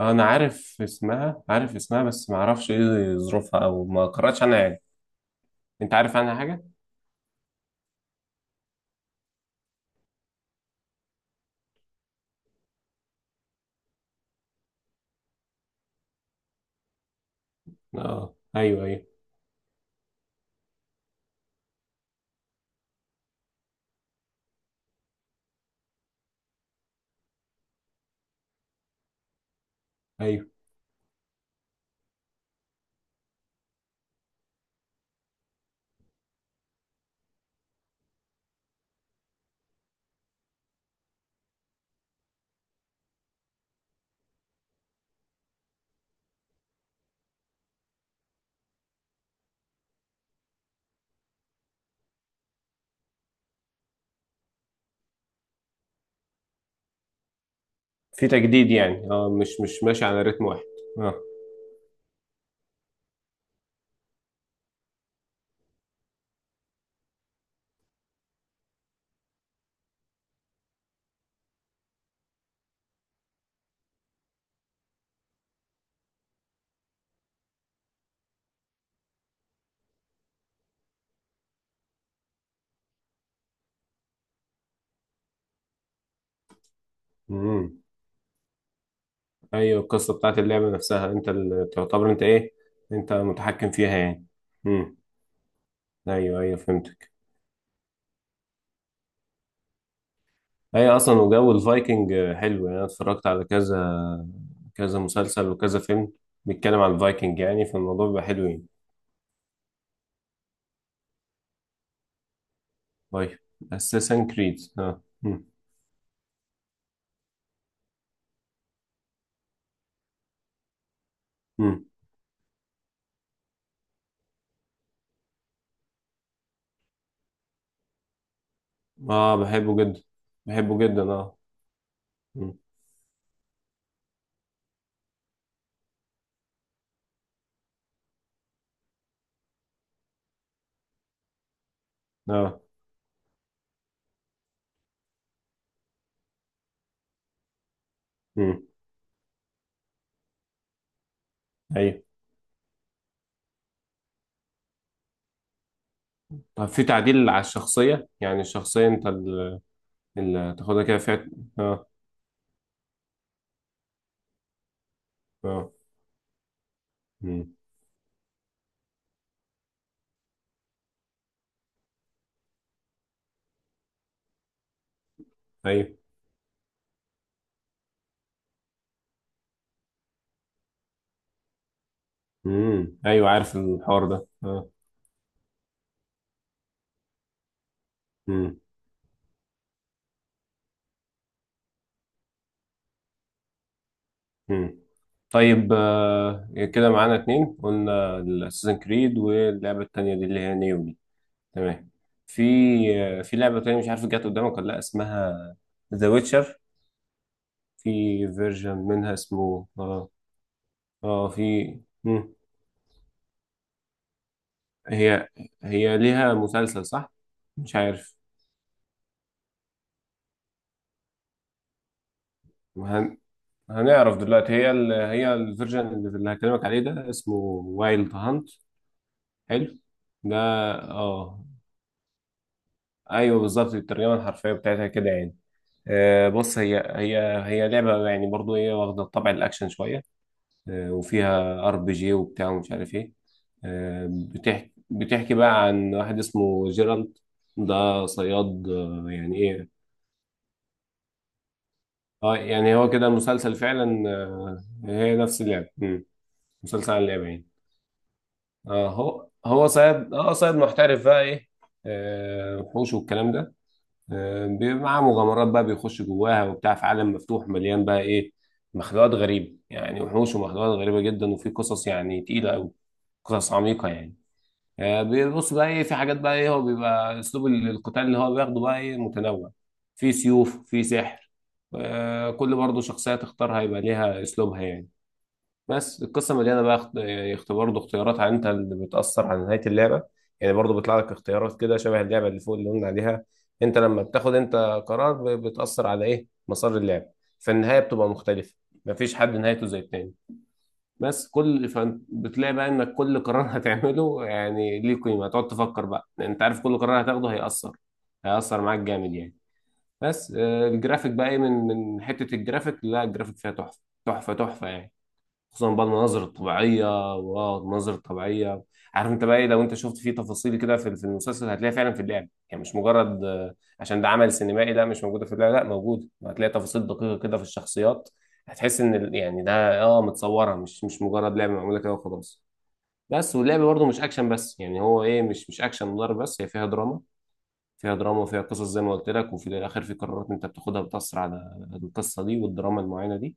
انا عارف اسمها بس ما اعرفش ايه ظروفها او ما قرأتش عنها يعني. انت عارف عنها حاجه؟ اه ايوه ايوه ايوه. في تجديد، يعني مش ماشي على رتم واحد. اه. امم ايوه، القصه بتاعت اللعبه نفسها انت اللي تعتبر انت ايه؟ انت متحكم فيها يعني. امم ايوه ايوه، فهمتك. ايوه اصلا، وجو الفايكنج حلو يعني، انا اتفرجت على كذا كذا مسلسل وكذا فيلم بيتكلم عن الفايكنج، يعني فالموضوع بيبقى حلو يعني. طيب. اساسن كريد، اه. مم. مم. اه بحبه جدا، بحبه جدا، اه. مم. اه. مم. ايوه. طب في تعديل على الشخصية، يعني الشخصية انت اللي تاخدها كده فيها. اه اه. مم. ايوه. مم. ايوه عارف الحوار ده، اه. مم. مم. طيب، كده معانا اتنين، قلنا الاساسن كريد واللعبة التانية دي اللي هي نيو دي. تمام. في في لعبة تانية، مش عارف جت قدامك ولا لا، اسمها ذا ويتشر. في فيرجن منها اسمه اه. في. مم. هي هي ليها مسلسل، صح؟ مش عارف. هن... هنعرف دلوقتي، هي الفيرجن اللي هكلمك عليه ده اسمه وايلد هانت. حلو ده. اه ايوه، بالظبط، الترجمه الحرفيه بتاعتها كده يعني. بص، هي لعبه يعني، برضو هي واخده طبع الاكشن شويه. وفيها ار بي جي وبتاع ومش عارف ايه. بتحكي بقى عن واحد اسمه جيرالد. ده صياد يعني ايه. اه يعني هو كده المسلسل فعلا، هي نفس اللعبة. مم. مسلسل عن اللعبة يعني. اه هو صياد محترف بقى ايه. وحوش والكلام ده. بيبقى معاه مغامرات بقى، بيخش جواها وبتاع في عالم مفتوح مليان بقى ايه، مخلوقات غريبة، يعني وحوش ومخلوقات غريبة جدا، وفي قصص يعني تقيلة أوي، قصص عميقة يعني. بيبص بقى ايه، في حاجات بقى ايه، هو بيبقى اسلوب القتال اللي هو بياخده بقى ايه متنوع. في سيوف، في سحر. كل برضه شخصية تختارها يبقى ليها اسلوبها يعني. بس القصة مليانة بقى برضه اختيارات، عن انت اللي بتأثر على نهاية اللعبة. يعني برضه بيطلع لك اختيارات كده شبه اللعبة اللي فوق اللي قلنا عليها. انت لما بتاخد انت قرار، بتأثر على ايه مسار اللعبة، فالنهاية بتبقى مختلفة، مفيش حد نهايته زي التاني. بس فبتلاقي بقى انك كل قرار هتعمله يعني ليه قيمه، هتقعد تفكر بقى، لان انت عارف كل قرار هتاخده هيأثر معاك جامد يعني. بس الجرافيك بقى ايه، من حته الجرافيك، لا الجرافيك فيها تحفه، تحفه تحفه يعني. خصوصا بقى المناظر الطبيعيه، واو المناظر الطبيعيه. عارف انت بقى ايه، لو انت شفت فيه تفاصيل كده في المسلسل هتلاقيها فعلا في اللعب، يعني مش مجرد، عشان ده عمل سينمائي، ده مش موجوده في اللعب، لا موجود، هتلاقي تفاصيل دقيقه كده في الشخصيات. هتحس ان يعني ده متصوره، مش مجرد لعبه معموله كده وخلاص. بس واللعب برضه مش اكشن بس، يعني هو ايه، مش اكشن ضرب بس، هي فيها دراما، فيها دراما وفيها قصص زي ما قلت لك، وفي الاخر في قرارات انت بتاخدها بتأثر على القصه دي والدراما المعينه دي.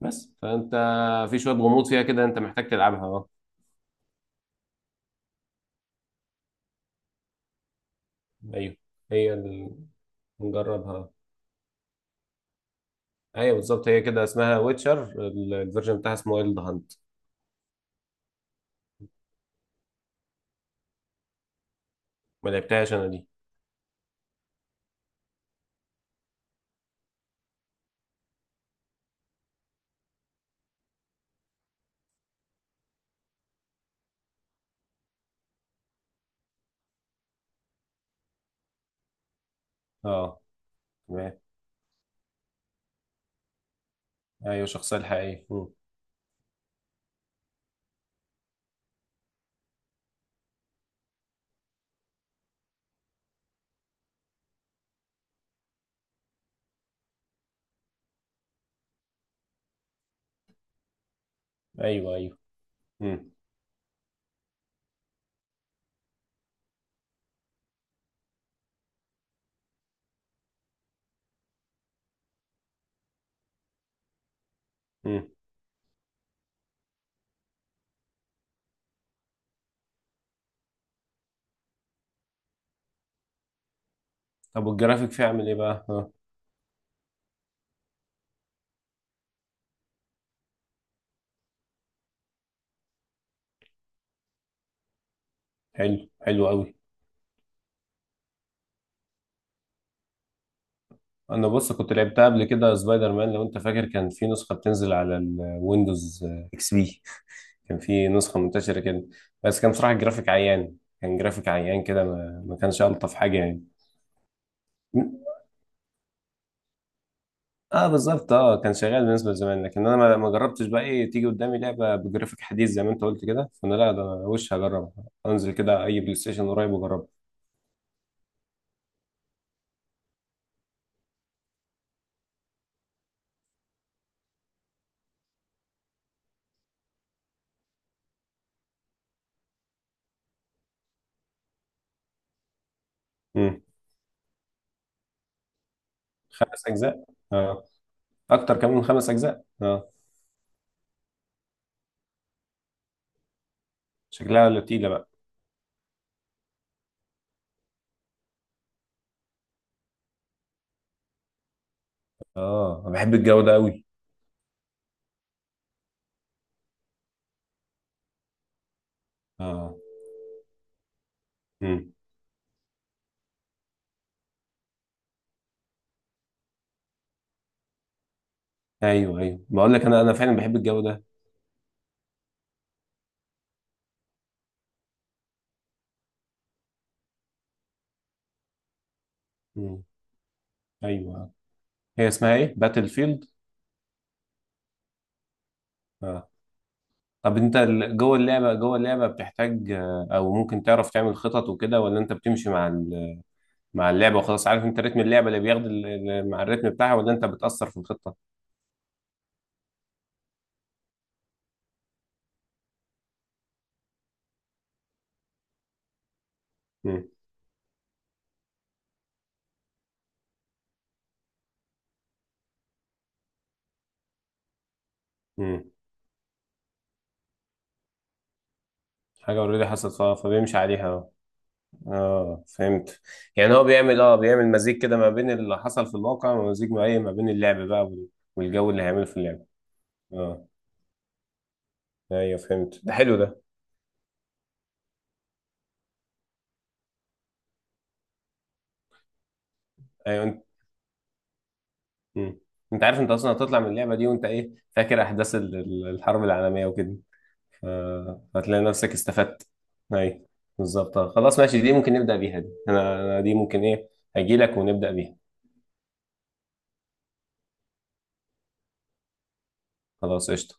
بس فانت في شويه غموض فيها كده، انت محتاج تلعبها، اه. ايوه. هي نجربها. ايوه، بالظبط، هي كده اسمها ويتشر، الفيرجن بتاعها اسمه وايلد هانت. ما لعبتهاش انا دي. اه تمام. ايوه الشخصيه الحقيقيه. مم. ايوه ايوه. مم. مم. طب والجرافيك فيها عامل ايه بقى، اه. حلو، حلو قوي. انا بص، كنت لعبتها قبل كده سبايدر مان، لو انت فاكر كان في نسخه بتنزل على الويندوز اكس بي، كان في نسخة منتشرة كده. بس كان بصراحة الجرافيك عيان، كان جرافيك عيان كده، ما كانش ألطف حاجة يعني. اه بالظبط، اه كان شغال بالنسبة لزمان، لكن انا ما جربتش بقى ايه، تيجي قدامي لعبة بجرافيك حديث زي ما انت قلت كده، فانا لا ده، أنا وش هجربها، انزل كده اي بلاي ستيشن قريب واجربها. امم خمس اجزاء، اه. اكتر كمان من خمس اجزاء، اه. شكلها لطيلة بقى. اه انا بحب الجو ده قوي. اه. امم. ايوه ايوه بقول لك، انا فعلا بحب الجو ده. امم. ايوه، هي اسمها ايه، باتل فيلد. طب انت جوه اللعبة بتحتاج، او ممكن تعرف تعمل خطط وكده، ولا انت بتمشي مع اللعبة وخلاص؟ عارف انت رتم اللعبة اللي بياخد مع الرتم بتاعها، ولا انت بتأثر في الخطة؟ مم. مم. حاجة اوريدي حصلت، فبيمشي عليها اه. اه فهمت. يعني هو بيعمل بيعمل مزيج كده ما بين اللي حصل في الواقع، ومزيج ما ايه ما بين اللعب بقى والجو اللي هيعمله في اللعبة. اه ايوه فهمت، ده حلو ده. ايوه انت. مم. انت عارف انت اصلا هتطلع من اللعبة دي وانت ايه، فاكر احداث الحرب العالمية وكده. هتلاقي نفسك استفدت. اي بالظبط، خلاص ماشي، دي ممكن نبدأ بيها، دي انا دي ممكن ايه اجي لك ونبدأ بيها. خلاص قشطة.